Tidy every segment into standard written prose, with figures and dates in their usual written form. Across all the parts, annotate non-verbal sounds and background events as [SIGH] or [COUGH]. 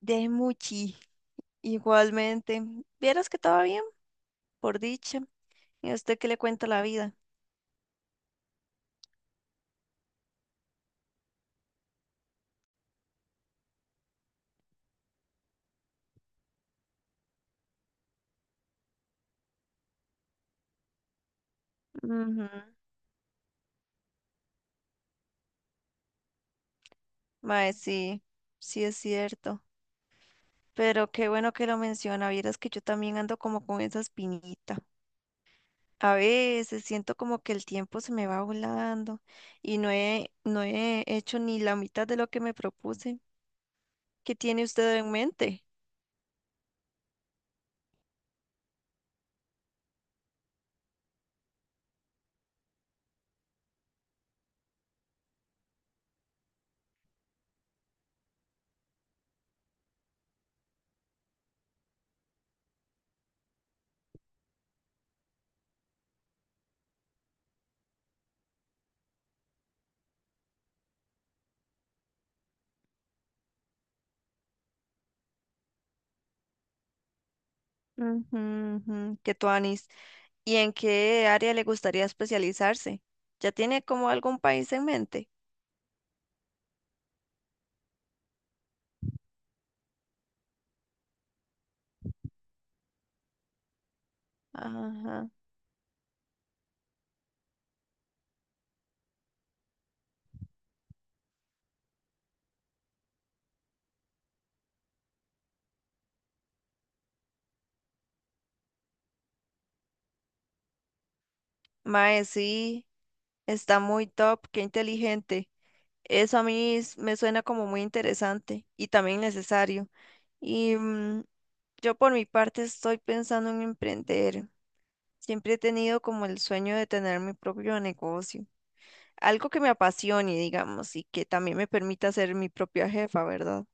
De Muchi, igualmente. Vieras que todo bien, por dicha. ¿Y a usted qué le cuenta la vida? Ujú. Mae, sí, sí es cierto. Pero qué bueno que lo menciona. Vieras que yo también ando como con esa espinita. A veces siento como que el tiempo se me va volando y no he hecho ni la mitad de lo que me propuse. ¿Qué tiene usted en mente? Ujú, ujú, qué tuanis. ¿Y en qué área le gustaría especializarse? ¿Ya tiene como algún país en mente? Ajá. Mae, sí, está muy top, qué inteligente. Eso a mí me suena como muy interesante y también necesario. Y yo por mi parte estoy pensando en emprender. Siempre he tenido como el sueño de tener mi propio negocio. Algo que me apasione, digamos, y que también me permita ser mi propia jefa, ¿verdad?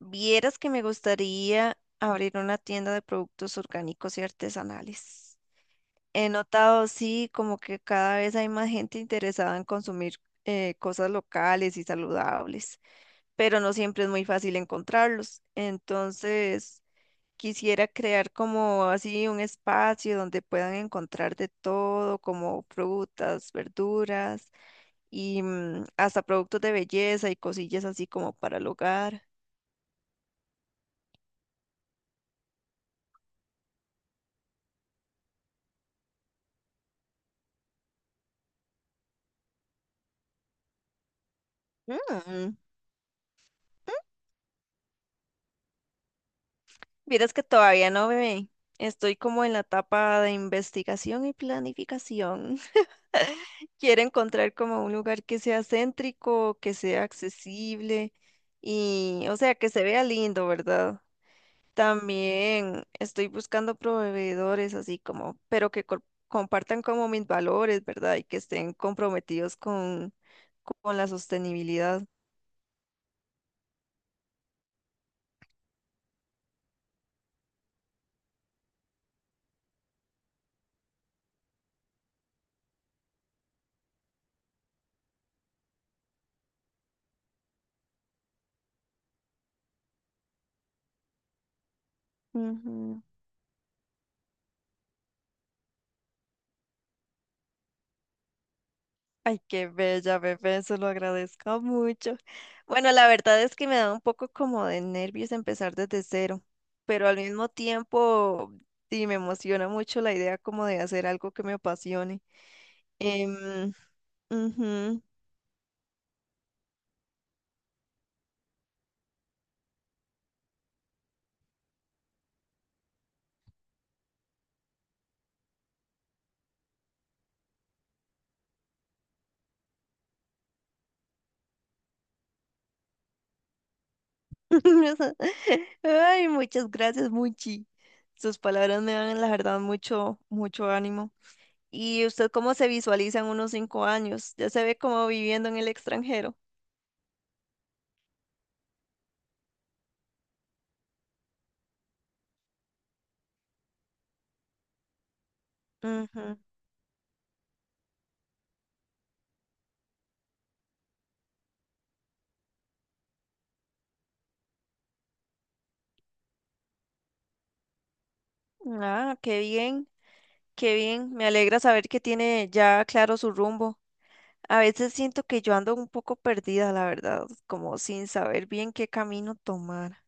Vieras que me gustaría abrir una tienda de productos orgánicos y artesanales. He notado, sí, como que cada vez hay más gente interesada en consumir cosas locales y saludables, pero no siempre es muy fácil encontrarlos. Entonces, quisiera crear como así un espacio donde puedan encontrar de todo, como frutas, verduras y hasta productos de belleza y cosillas así como para el hogar. Mm. Vieras que todavía no me estoy como en la etapa de investigación y planificación. [LAUGHS] Quiero encontrar como un lugar que sea céntrico, que sea accesible y, o sea, que se vea lindo, ¿verdad? También estoy buscando proveedores así como, pero que compartan como mis valores, ¿verdad? Y que estén comprometidos con la sostenibilidad. Ujú. Ay, qué bella, bebé, se lo agradezco mucho. Bueno, la verdad es que me da un poco como de nervios empezar desde cero, pero al mismo tiempo sí me emociona mucho la idea como de hacer algo que me apasione. Em, Ujú. [LAUGHS] Ay, muchas gracias, Muchi. Sus palabras me dan, la verdad, mucho, mucho ánimo. ¿Y usted cómo se visualiza en unos 5 años? ¿Ya se ve como viviendo en el extranjero? Ujú. Ah, qué bien. Qué bien, me alegra saber que tiene ya claro su rumbo. A veces siento que yo ando un poco perdida, la verdad, como sin saber bien qué camino tomar.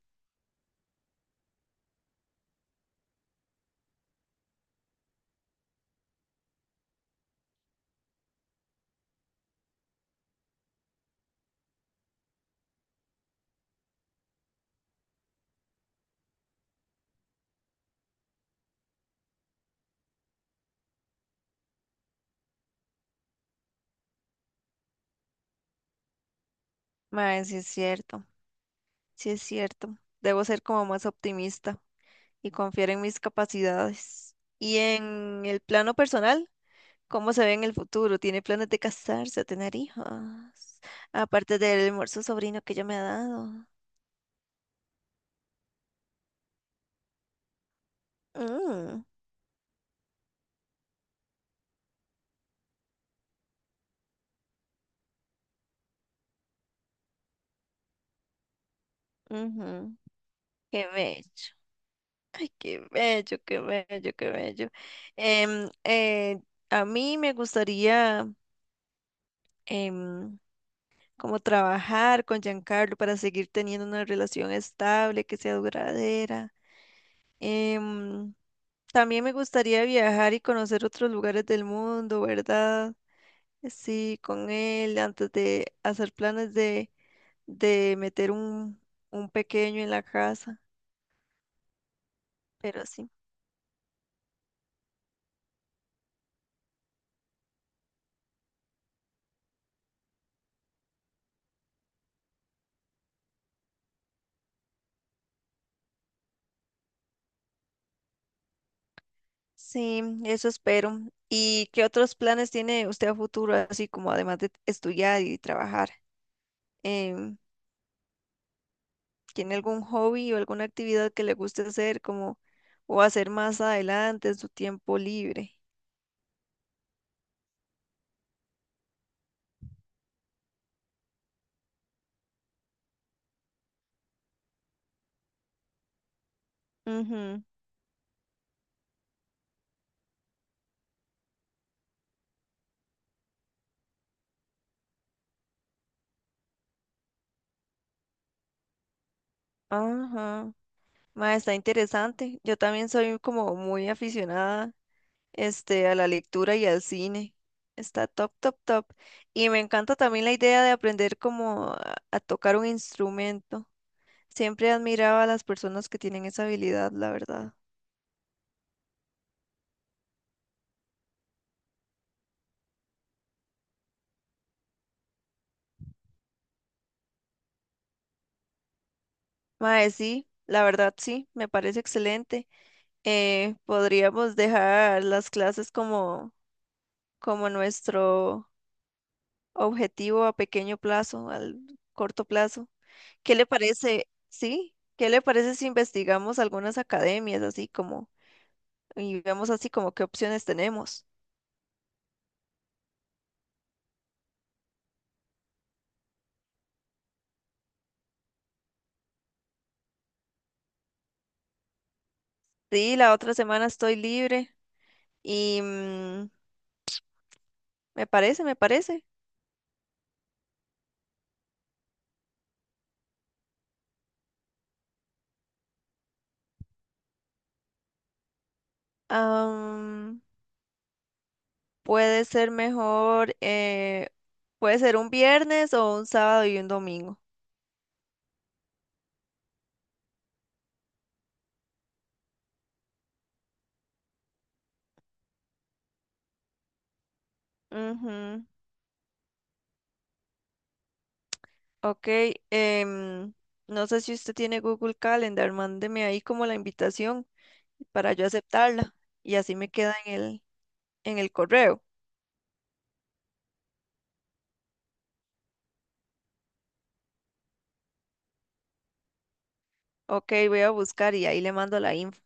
Mae, sí es cierto, sí es cierto. Debo ser como más optimista y confiar en mis capacidades. Y en el plano personal, ¿cómo se ve en el futuro? ¿Tiene planes de casarse o tener hijos? Aparte del hermoso sobrino que ella me ha dado. Mm, ujú. Qué bello. Qué bello, qué bello, qué bello. Em, eh, a mí me gustaría em, como trabajar con Giancarlo para seguir teniendo una relación estable, que sea duradera. Em, También me gustaría viajar y conocer otros lugares del mundo, ¿verdad? Sí, con él, antes de hacer planes de, meter un pequeño en la casa. Pero sí. Sí, eso espero. ¿Y qué otros planes tiene usted a futuro, así como además de estudiar y trabajar? Em, ¿Tiene algún hobby o alguna actividad que le guste hacer como o hacer más adelante en su tiempo libre? Ujú. Ajá. Ma, está interesante. Yo también soy como muy aficionada, a la lectura y al cine. Está top, top, top. Y me encanta también la idea de aprender como a tocar un instrumento. Siempre admiraba a las personas que tienen esa habilidad, la verdad. Mae, sí, la verdad sí, me parece excelente. Podríamos dejar las clases como, nuestro objetivo a pequeño plazo, al corto plazo. ¿Qué le parece? Sí, ¿qué le parece si investigamos algunas academias así como y vemos así como qué opciones tenemos? Sí, la otra semana estoy libre y me parece, me parece. Puede ser mejor, puede ser un viernes o un sábado y un domingo. Ujú. Ok, em, no sé si usted tiene Google Calendar, mándeme ahí como la invitación para yo aceptarla y así me queda en el, correo. Ok, voy a buscar y ahí le mando la info.